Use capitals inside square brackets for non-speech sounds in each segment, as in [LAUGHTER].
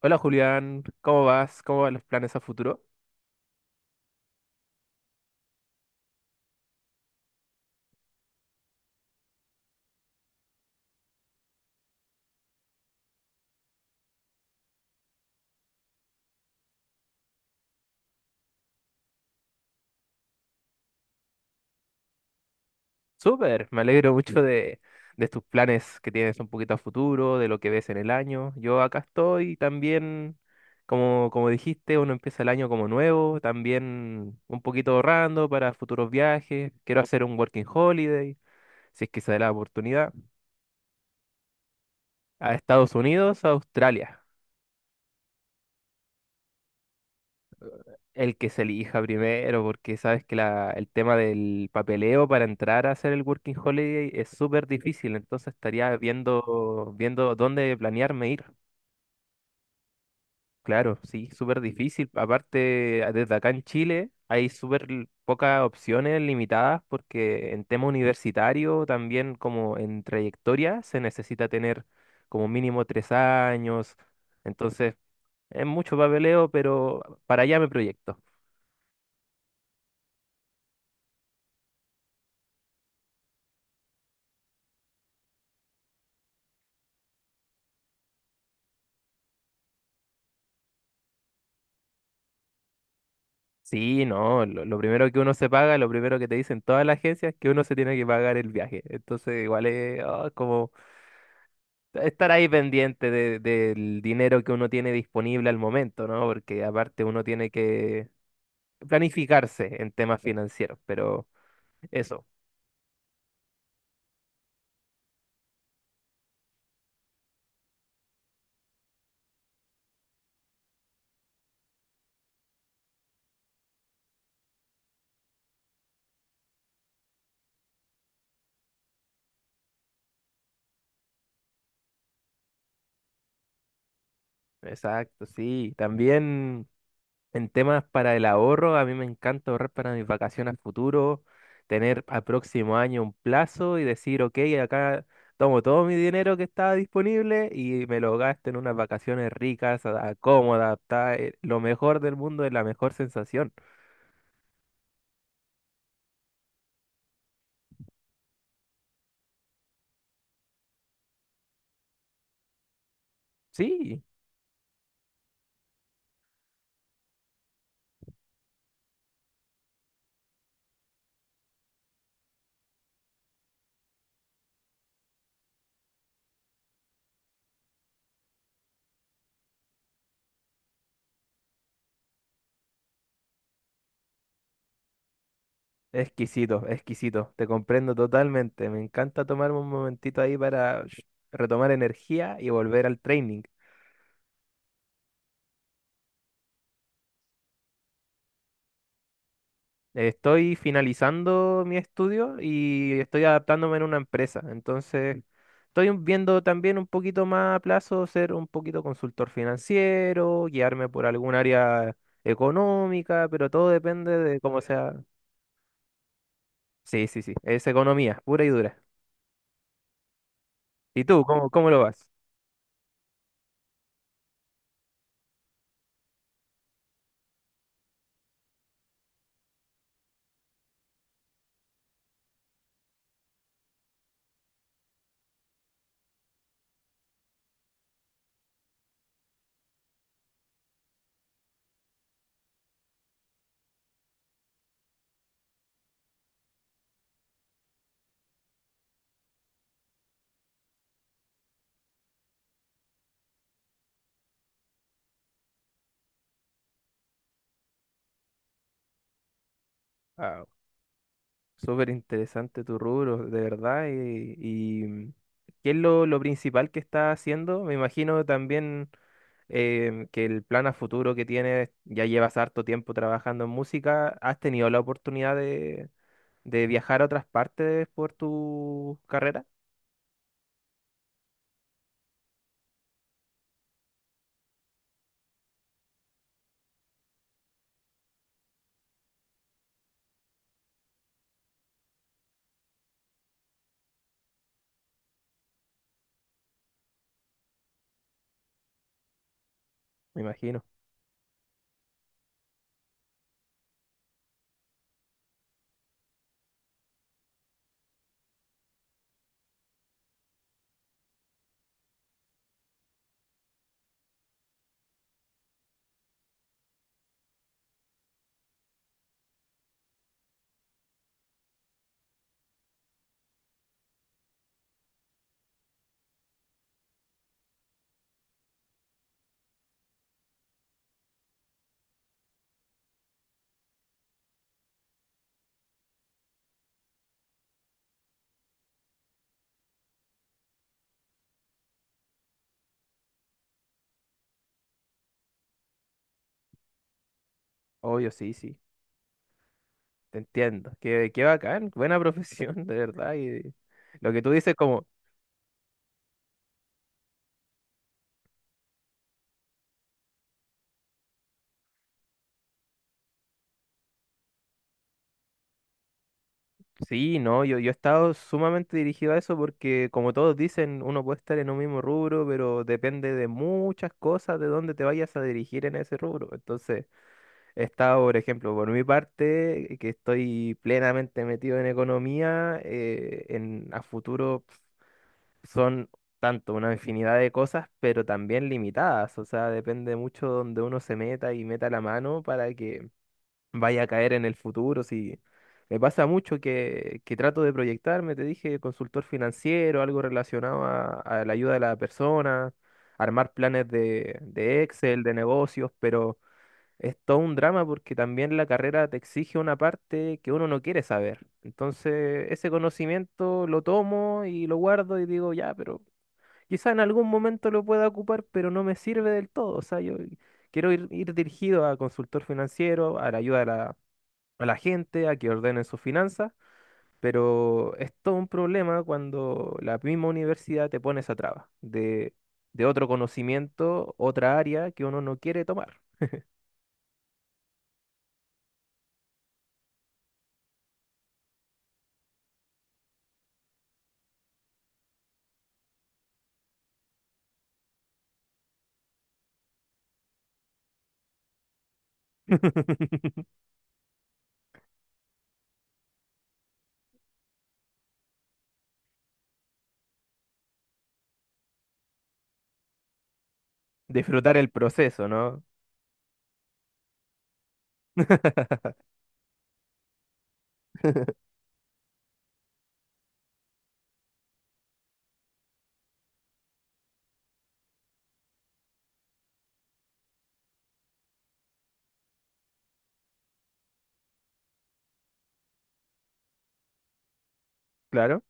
Hola Julián, ¿cómo vas? ¿Cómo van los planes a futuro? Súper, me alegro mucho de tus planes que tienes un poquito a futuro, de lo que ves en el año. Yo acá estoy también, como dijiste, uno empieza el año como nuevo, también un poquito ahorrando para futuros viajes. Quiero hacer un working holiday, si es que se da la oportunidad, a Estados Unidos, a Australia. El que se elija primero, porque sabes que el tema del papeleo para entrar a hacer el working holiday es súper difícil, entonces estaría viendo dónde planearme ir. Claro, sí, súper difícil. Aparte, desde acá en Chile hay súper pocas opciones limitadas porque en tema universitario, también como en trayectoria, se necesita tener como mínimo tres años. Entonces, es mucho papeleo, pero para allá me proyecto. Sí, no, lo primero que uno se paga, lo primero que te dicen todas las agencias es que uno se tiene que pagar el viaje. Entonces, igual es como estar ahí pendiente del dinero que uno tiene disponible al momento, ¿no? Porque aparte uno tiene que planificarse en temas financieros, pero eso, exacto, sí. También en temas para el ahorro, a mí me encanta ahorrar para mis vacaciones a futuro, tener al próximo año un plazo y decir, ok, acá tomo todo mi dinero que estaba disponible y me lo gasto en unas vacaciones ricas, cómodas, lo mejor del mundo es la mejor sensación. Sí. Exquisito, exquisito. Te comprendo totalmente. Me encanta tomarme un momentito ahí para retomar energía y volver al training. Estoy finalizando mi estudio y estoy adaptándome en una empresa. Entonces, estoy viendo también un poquito más a plazo ser un poquito consultor financiero, guiarme por algún área económica, pero todo depende de cómo sea. Sí, sí, sí. Es economía, pura y dura. ¿Y tú, cómo, cómo lo vas? Súper interesante tu rubro, de verdad. ¿Qué es lo principal que está haciendo? Me imagino también que el plan a futuro que tienes, ya llevas harto tiempo trabajando en música, ¿has tenido la oportunidad de viajar a otras partes por tu carrera? Me imagino. Obvio, sí, sí, te entiendo. Qué bacán, buena [LAUGHS] profesión, de verdad. Y lo que tú dices, como sí, no, yo he estado sumamente dirigido a eso porque, como todos dicen, uno puede estar en un mismo rubro, pero depende de muchas cosas de dónde te vayas a dirigir en ese rubro. Entonces, he estado, por ejemplo, por mi parte, que estoy plenamente metido en economía, en a futuro son tanto una infinidad de cosas, pero también limitadas. O sea, depende mucho donde uno se meta y meta la mano para que vaya a caer en el futuro. Si me pasa mucho que trato de proyectarme, te dije, consultor financiero, algo relacionado a la ayuda de la persona, armar planes de Excel, de negocios, pero es todo un drama porque también la carrera te exige una parte que uno no quiere saber. Entonces, ese conocimiento lo tomo y lo guardo y digo, ya, pero quizá en algún momento lo pueda ocupar, pero no me sirve del todo. O sea, yo quiero ir dirigido a consultor financiero, a la ayuda de la a la gente a que ordenen sus finanzas, pero es todo un problema cuando la misma universidad te pone esa traba de otro conocimiento, otra área que uno no quiere tomar. [LAUGHS] Disfrutar el proceso, ¿no? [LAUGHS] Claro,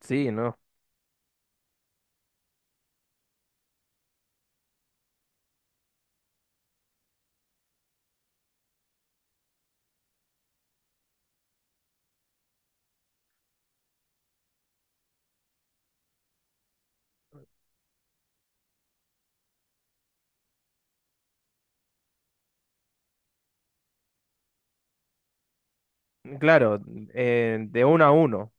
sí, no. Claro, de uno a uno.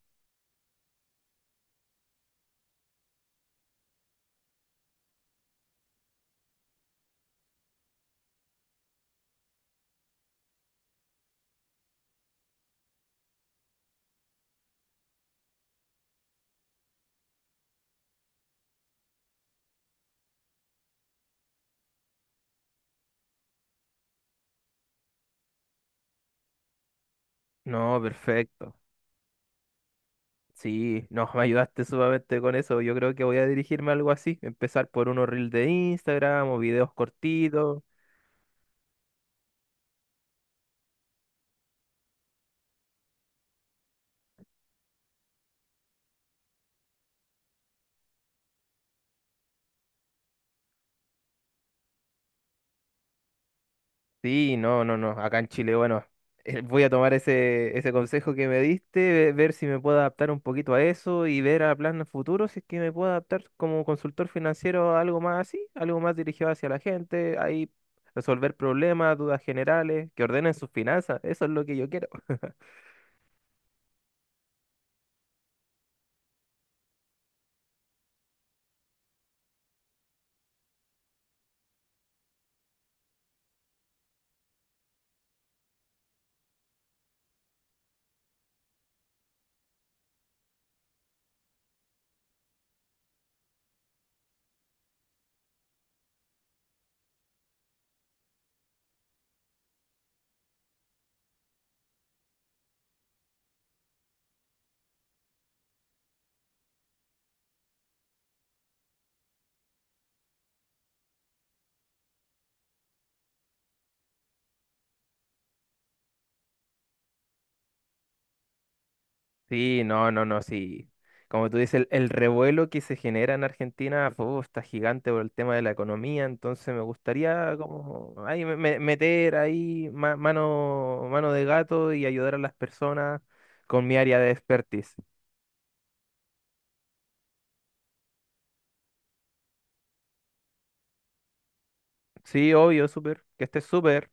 No, perfecto. Sí, no, me ayudaste sumamente con eso. Yo creo que voy a dirigirme a algo así. Empezar por unos reels de Instagram o videos cortitos. Sí, no, no, no. Acá en Chile, bueno, voy a tomar ese consejo que me diste, ver si me puedo adaptar un poquito a eso y ver a planes futuros si es que me puedo adaptar como consultor financiero a algo más así, algo más dirigido hacia la gente, ahí resolver problemas, dudas generales, que ordenen sus finanzas. Eso es lo que yo quiero. Sí, no, no, no, sí. Como tú dices, el revuelo que se genera en Argentina fu, está gigante por el tema de la economía, entonces me gustaría como ahí meter ahí mano, mano de gato y ayudar a las personas con mi área de expertise. Sí, obvio, súper, que estés súper.